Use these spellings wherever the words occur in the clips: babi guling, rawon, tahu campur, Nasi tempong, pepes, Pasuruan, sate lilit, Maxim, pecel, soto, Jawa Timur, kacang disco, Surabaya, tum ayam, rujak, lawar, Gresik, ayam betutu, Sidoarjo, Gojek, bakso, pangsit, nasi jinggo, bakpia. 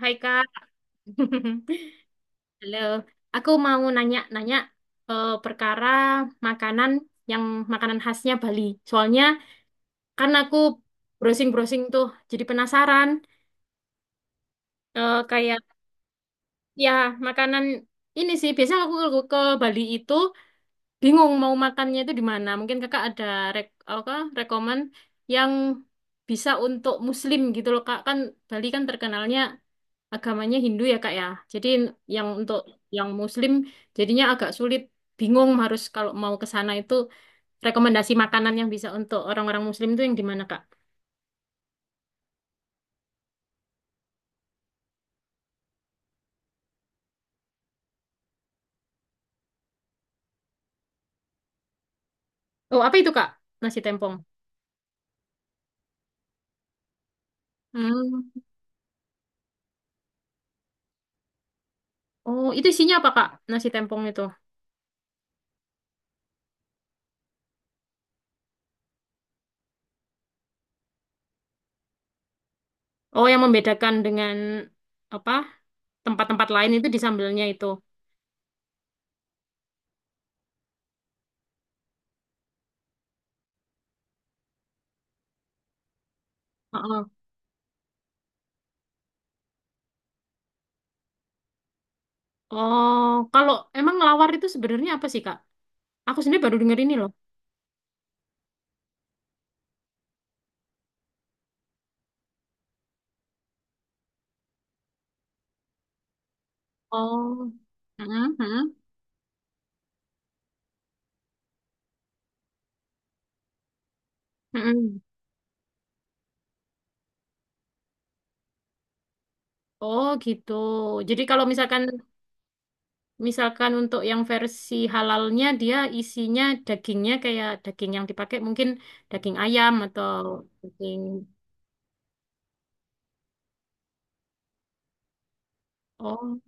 Hai Kak. Halo. Aku mau nanya-nanya perkara makanan yang makanan khasnya Bali. Soalnya kan aku browsing-browsing tuh jadi penasaran. Kayak ya makanan ini sih biasanya aku ke Bali itu bingung mau makannya itu di mana. Mungkin Kakak ada rek apa rekomen yang bisa untuk Muslim gitu loh Kak. Kan Bali kan terkenalnya agamanya Hindu ya Kak ya. Jadi yang untuk yang Muslim jadinya agak sulit, bingung harus kalau mau ke sana itu rekomendasi makanan yang bisa untuk orang-orang Muslim itu yang di mana Kak? Oh apa itu Kak? Nasi tempong. Hmm. Oh itu isinya apa Kak? Nasi tempong itu. Oh yang membedakan dengan apa tempat-tempat lain itu di sambelnya itu. Heeh. Oh kalau emang lawar itu sebenarnya apa sih Kak? Aku sendiri baru denger ini loh. Oh. Heeh, heeh. Mm-mm. Oh gitu. Jadi kalau misalkan Misalkan untuk yang versi halalnya dia isinya dagingnya kayak daging yang dipakai mungkin daging ayam atau daging. Oh,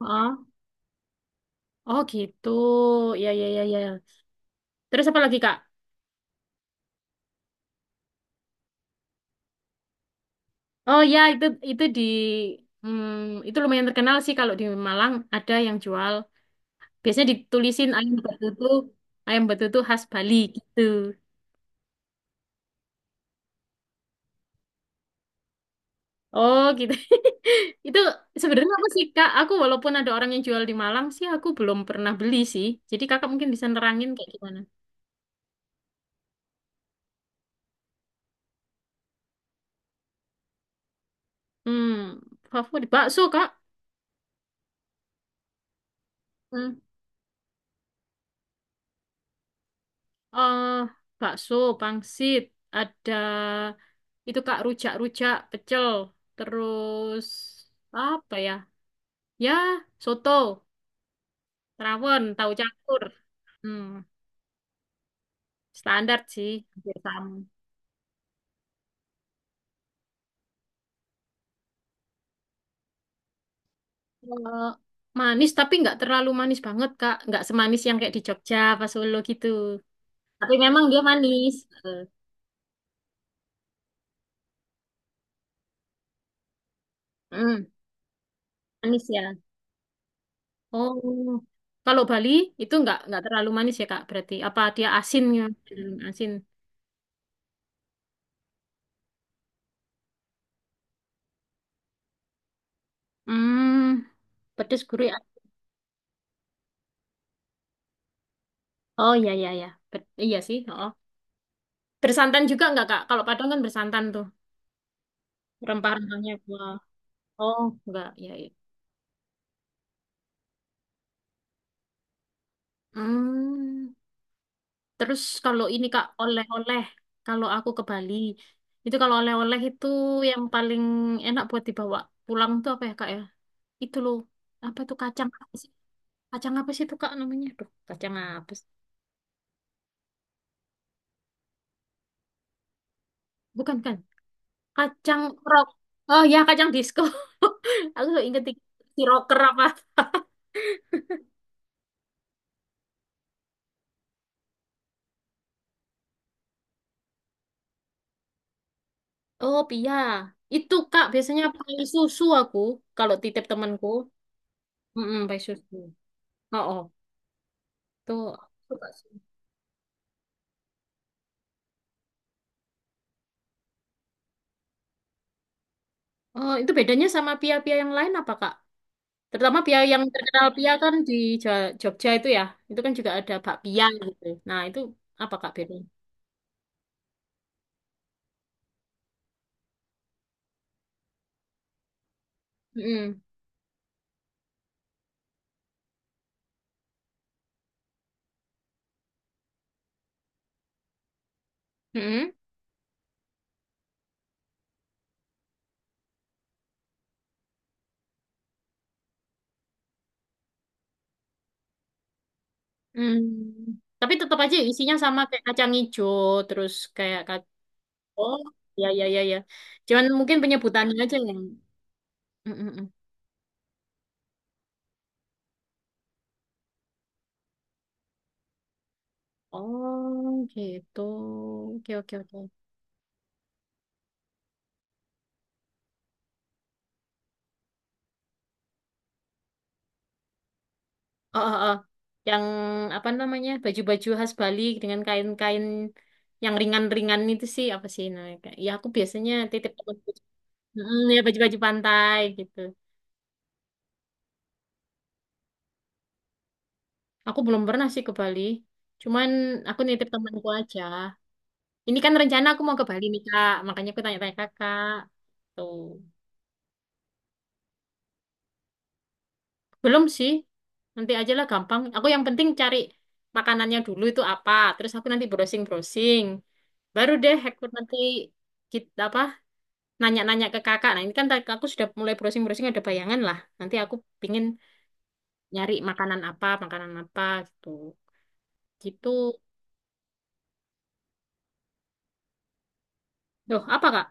ah. Oh gitu, ya ya ya ya, terus apa lagi Kak. Oh ya itu di, itu lumayan terkenal sih kalau di Malang ada yang jual, biasanya ditulisin ayam betutu, ayam betutu khas Bali gitu. Oh gitu. Itu sebenarnya apa sih Kak? Aku walaupun ada orang yang jual di Malang sih, aku belum pernah beli sih. Jadi Kakak mungkin bisa nerangin kayak gimana. Hmm, favorit bakso Kak. Hmm. eh, Bakso, pangsit, ada itu Kak rujak-rujak, pecel, terus apa ya? Ya, soto, rawon, tahu campur. Hmm, standar sih, hampir sama. Eh, Manis tapi nggak terlalu manis banget Kak. Nggak semanis yang kayak di Jogja pas Solo gitu. Tapi memang dia manis. Eh, mm, manis ya. Oh, kalau Bali itu nggak terlalu manis ya Kak. Berarti apa dia asin ya? Hmm, asin. Hmm, pedes gurih. Oh iya iya iya. Bet- iya sih. Oh. Bersantan juga nggak Kak? Kalau Padang kan bersantan tuh. Rempah-rempahnya. Wah. Oh nggak. Iya iya. Hmm. Terus kalau ini Kak, oleh-oleh, kalau aku ke Bali, itu kalau oleh-oleh itu yang paling enak buat dibawa pulang tuh apa ya Kak ya? Itu loh, apa tuh kacang apa sih? Kacang apa sih itu Kak namanya? Duh, kacang apa sih? Bukan kan? Kacang rok. Oh ya, kacang disco. Aku nggak inget si rocker apa. Oh, pia. Itu Kak, biasanya pakai susu aku kalau titip temanku. Mm-mm, pakai susu. Oh, oh. Tuh, aku suka. Oh, itu bedanya sama pia-pia yang lain apa, Kak? Terutama pia yang terkenal pia kan di Jogja itu ya. Itu kan juga ada bakpia gitu. Nah, itu apa, Kak, bedanya? Mm-mm. Mm-mm. Mm. Tapi tetap aja isinya sama kayak kacang hijau, terus kayak kacang... Oh, ya, ya, ya, ya. Cuman mungkin penyebutannya aja yang... Mm-mm. Oh, gitu. Oke, oke, oke. Oh, oh, oh. Yang apa namanya? Baju-baju khas Bali dengan kain-kain yang ringan-ringan itu sih apa sih namanya, Kak? Ya aku biasanya titip ke baju-. Mm, ya baju-baju pantai gitu. Aku belum pernah sih ke Bali. Cuman aku nitip temanku aja. Ini kan rencana aku mau ke Bali nih, Kak. Makanya aku tanya-tanya Kakak. Tuh. Belum sih. Nanti aja lah gampang. Aku yang penting cari makanannya dulu itu apa. Terus aku nanti browsing-browsing. Baru deh aku nanti kita apa nanya-nanya ke kakak. Nah, ini kan tadi aku sudah mulai browsing-browsing ada bayangan lah. Nanti aku pingin nyari makanan apa gitu. Gitu. Loh, apa Kak?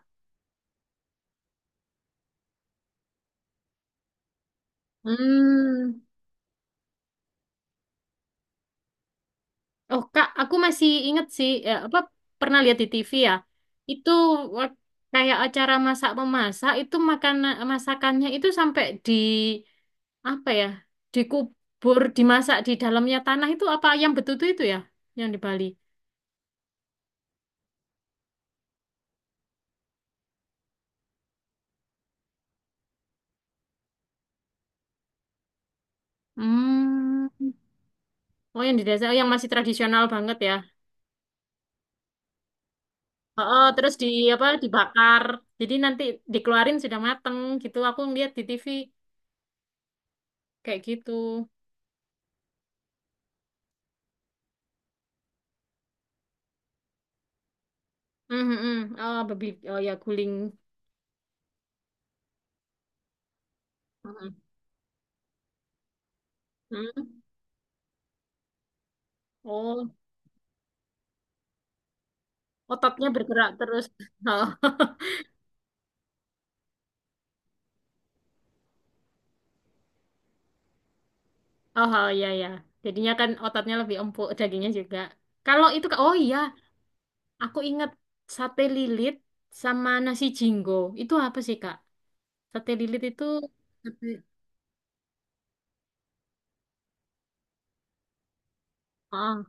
Hmm. Oh, Kak, aku masih inget sih ya, apa pernah lihat di TV ya. Itu wak- kayak acara masak memasak itu makanan masakannya itu sampai di apa ya? Dikubur, dimasak di dalamnya tanah itu apa yang betutu itu ya? Yang di Bali. Hmm. Oh, yang di desa, oh, yang masih tradisional banget ya. Oh, terus di apa dibakar. Jadi nanti dikeluarin sudah mateng gitu. Aku ngeliat di TV kayak gitu. Hmm, hmm, hmm. Oh, babi. Oh ya, guling. Hmm, hmm. Oh, ototnya bergerak terus. Oh, oh, oh ya ya. Jadinya kan ototnya lebih empuk, dagingnya juga. Kalau itu, Kak- oh iya, aku ingat sate lilit sama nasi jinggo. Itu apa sih, Kak? Sate lilit itu. Sate-. Oh,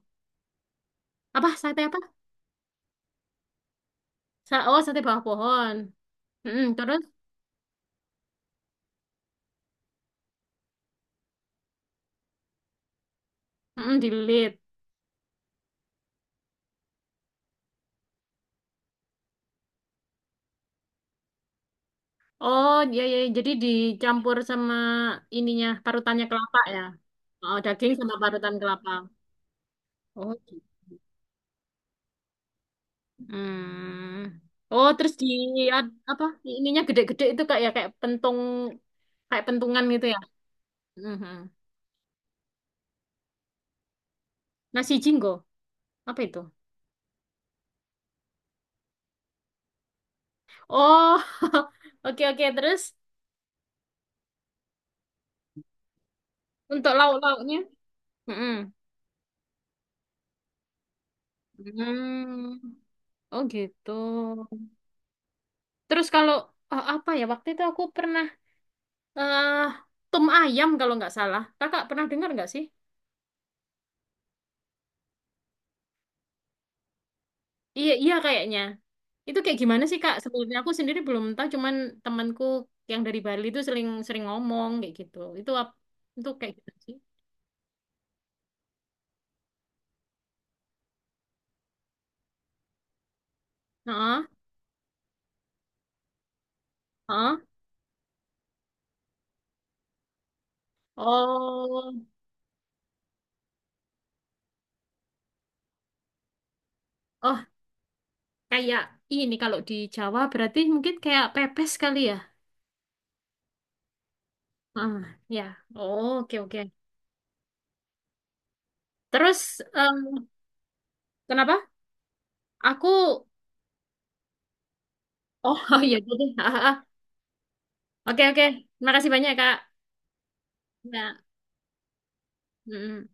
apa sate apa? Sa- oh, sate bawah pohon. Mm-mm, terus mm dililit. Oh, iya iya iya. Jadi dicampur sama ininya parutannya kelapa ya. Oh, daging sama parutan kelapa. Oh, gitu. Hmm. Oh, terus di ad- apa? Ininya gede-gede itu kayak ya kayak pentung, kayak pentungan gitu ya. Mhm. Nasi jinggo. Apa itu? Oh. Oke oke, terus untuk lauk-lauknya. Mm-mm. Hmm. Oh, gitu. Terus kalau apa ya waktu itu aku pernah eh tum ayam kalau nggak salah. Kakak pernah dengar nggak sih? Iya iya kayaknya. Itu kayak gimana sih Kak? Sebenarnya aku sendiri belum tahu. Cuman temanku yang dari Bali itu sering sering ngomong kayak gitu. Itu ap- itu kayak gitu sih. Heeh, heeh. Oh, oh kayak ini kalau di Jawa berarti mungkin kayak pepes kali ya. Ah, ya. Oh, oke oke. Terus em, kenapa? Aku. Oh, iya gitu. Oke, oke. Makasih banyak, Kak. Ya. Mm-mm.